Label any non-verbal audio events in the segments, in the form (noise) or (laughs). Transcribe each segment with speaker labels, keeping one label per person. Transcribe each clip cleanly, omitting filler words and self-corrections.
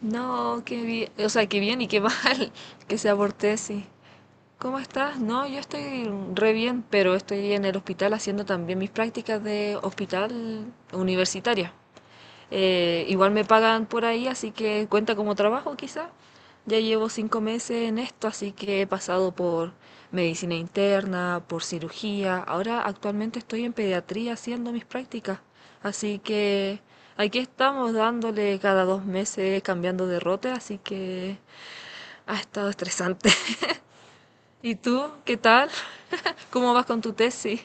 Speaker 1: No, qué bien, o sea, qué bien y qué mal (laughs) que se aborté, sí. ¿Cómo estás? No, yo estoy re bien, pero estoy en el hospital haciendo también mis prácticas de hospital universitaria. Igual me pagan por ahí, así que cuenta como trabajo quizá. Ya llevo cinco meses en esto, así que he pasado por medicina interna, por cirugía. Ahora actualmente estoy en pediatría haciendo mis prácticas. Así que aquí estamos dándole cada dos meses cambiando de rote, así que ha estado estresante. (laughs) ¿Y tú qué tal? ¿Cómo vas con tu tesis?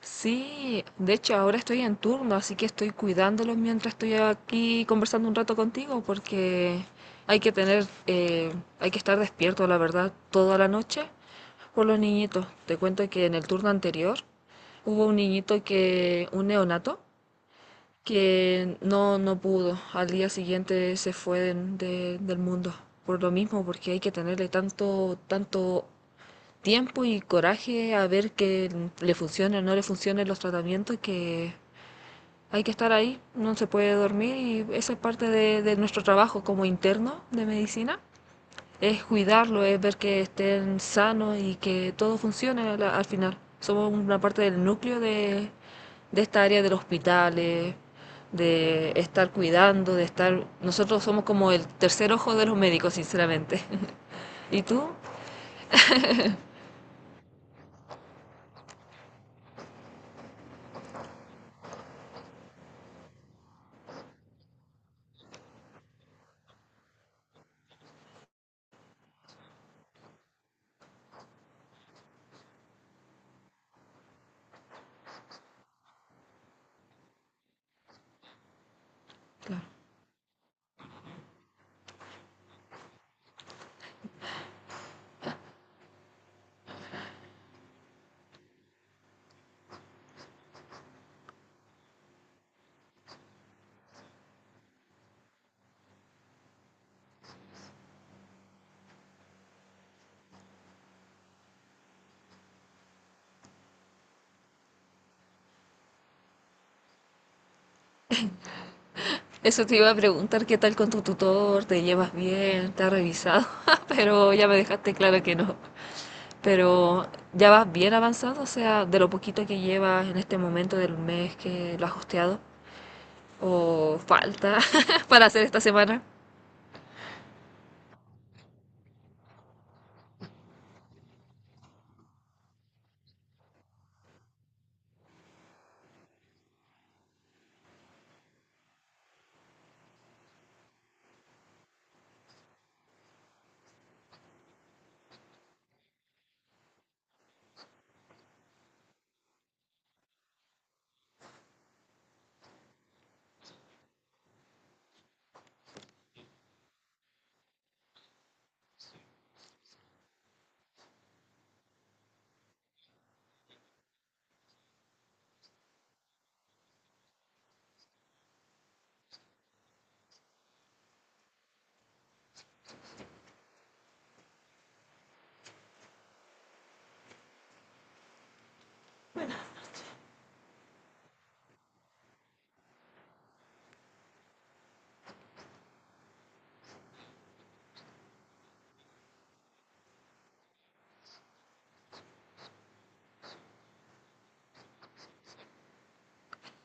Speaker 1: Sí, de hecho ahora estoy en turno, así que estoy cuidándolos mientras estoy aquí conversando un rato contigo, porque hay que tener, hay que estar despierto, la verdad, toda la noche por los niñitos. Te cuento que en el turno anterior hubo un niñito que, un neonato, que no pudo. Al día siguiente se fue del mundo. Por lo mismo, porque hay que tenerle tanto, tanto tiempo y coraje a ver que le funcione o no le funcionen los tratamientos, que hay que estar ahí, no se puede dormir y eso es parte de nuestro trabajo como interno de medicina. Es cuidarlo, es ver que estén sanos y que todo funcione al final. Somos una parte del núcleo de esta área del hospital, de estar cuidando, de estar... Nosotros somos como el tercer ojo de los médicos, sinceramente. (laughs) ¿Y tú? Claro. Eso te iba a preguntar qué tal con tu tutor, te llevas bien, te ha revisado, (laughs) pero ya me dejaste claro que no. Pero ya vas bien avanzado, o sea, de lo poquito que llevas en este momento del mes que lo has hosteado, o falta (laughs) para hacer esta semana.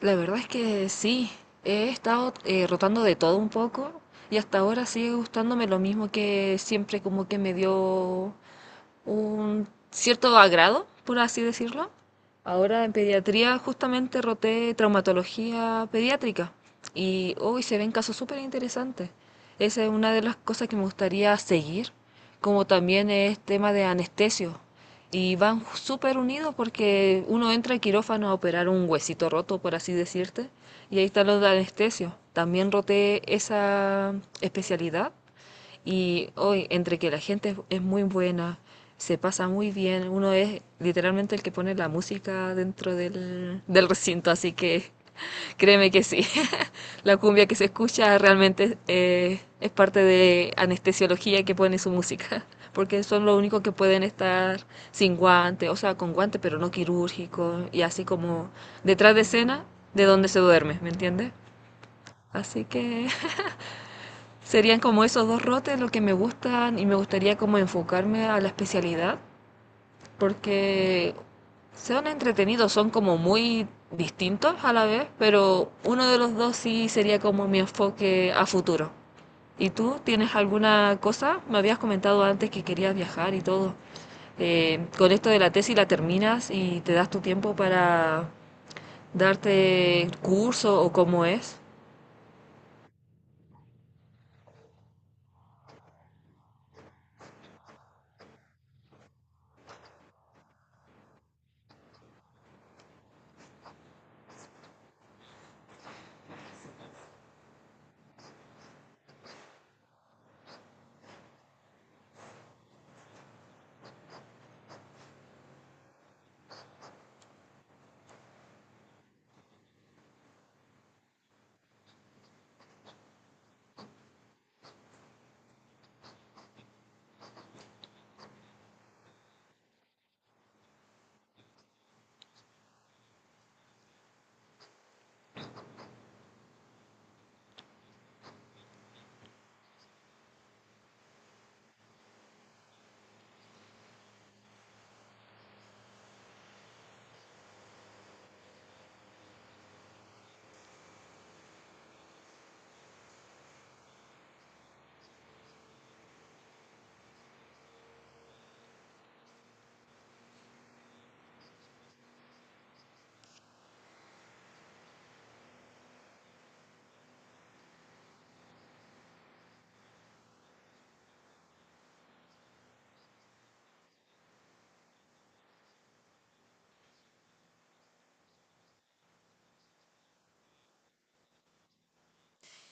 Speaker 1: La verdad es que sí, he estado rotando de todo un poco y hasta ahora sigue gustándome lo mismo que siempre como que me dio un cierto agrado, por así decirlo. Ahora en pediatría justamente roté traumatología pediátrica y hoy se ven casos súper interesantes. Esa es una de las cosas que me gustaría seguir, como también es tema de anestesio. Y van súper unidos porque uno entra al quirófano a operar un huesito roto, por así decirte, y ahí están los de anestesio. También roté esa especialidad y hoy, entre que la gente muy buena, se pasa muy bien, uno es literalmente el que pone la música dentro del recinto, así que créeme que sí. (laughs) La cumbia que se escucha realmente es parte de anestesiología que pone su música, (laughs) porque son los únicos que pueden estar sin guante, o sea, con guante, pero no quirúrgico, y así como detrás de escena, de donde se duerme, ¿me entiendes? Así que serían como esos dos rotes los que me gustan y me gustaría como enfocarme a la especialidad porque son entretenidos, son como muy distintos a la vez, pero uno de los dos sí sería como mi enfoque a futuro. ¿Y tú tienes alguna cosa? Me habías comentado antes que querías viajar y todo. Con esto de la tesis la terminas y te das tu tiempo para darte curso o cómo es.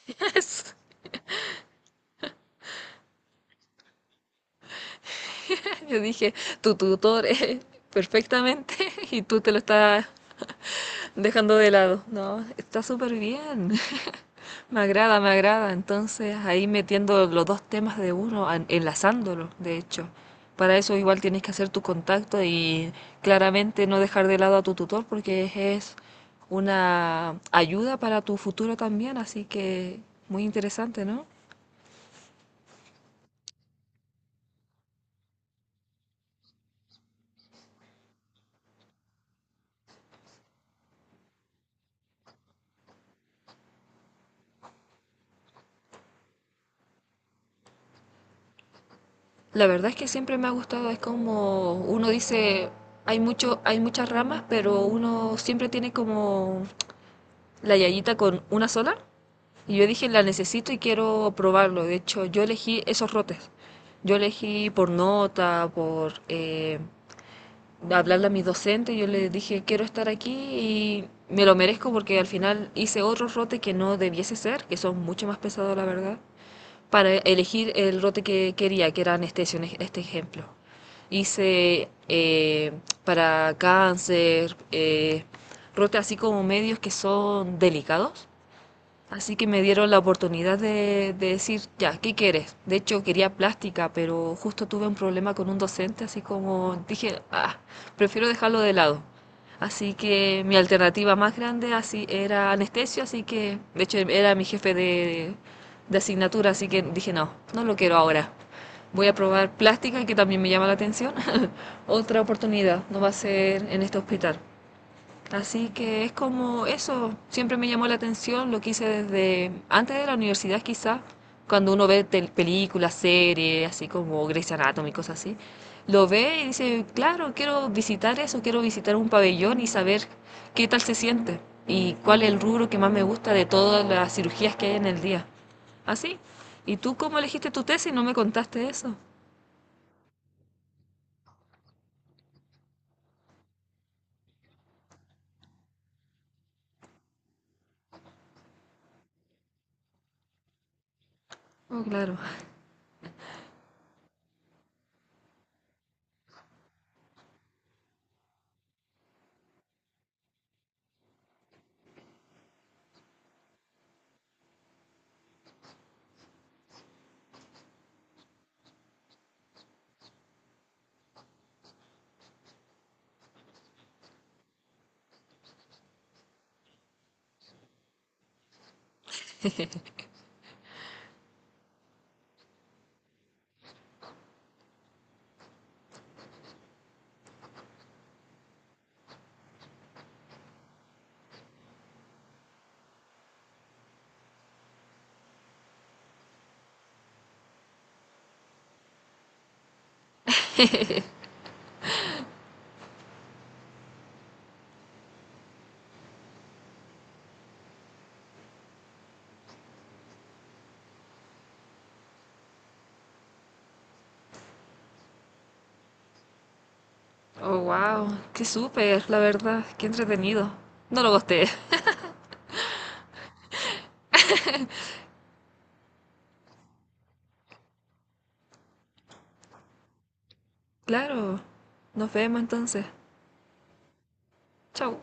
Speaker 1: (laughs) (laughs) Yo dije, tu tutor es perfectamente (laughs) y tú te lo estás dejando de lado. No, está súper bien. (laughs) Me agrada, me agrada. Entonces ahí metiendo los dos temas de uno, enlazándolo, de hecho. Para eso igual tienes que hacer tu contacto y claramente no dejar de lado a tu tutor porque es una ayuda para tu futuro también. Así que muy interesante, ¿no? La verdad es que siempre me ha gustado, es como uno dice, hay mucho, hay muchas ramas, pero uno siempre tiene como la yayita con una sola. Y yo dije, la necesito y quiero probarlo. De hecho, yo elegí esos rotes. Yo elegí por nota, por hablarle a mis docentes, yo les dije, quiero estar aquí y me lo merezco porque al final hice otros rotes que no debiese ser, que son mucho más pesados, la verdad para elegir el rote que quería, que era anestesio, en este ejemplo. Hice para cáncer, rote así como medios que son delicados. Así que me dieron la oportunidad de decir, ya, ¿qué quieres? De hecho, quería plástica, pero justo tuve un problema con un docente, así como dije, ah, prefiero dejarlo de lado. Así que mi alternativa más grande así era anestesio, así que, de hecho, era mi jefe de asignatura, así que dije, no lo quiero ahora. Voy a probar plástica, que también me llama la atención. (laughs) Otra oportunidad, no va a ser en este hospital. Así que es como eso, siempre me llamó la atención, lo quise desde antes de la universidad quizás, cuando uno ve películas, series, así como Grey's Anatomy, cosas así, lo ve y dice, claro, quiero visitar eso, quiero visitar un pabellón y saber qué tal se siente y cuál es el rubro que más me gusta de todas las cirugías que hay en el día. Así. ¿Y tú cómo elegiste tu tesis? No me contaste eso. Oh, claro. Oh, wow. Qué súper, la verdad. Qué entretenido. No lo gosté. Claro, nos vemos entonces. Chau.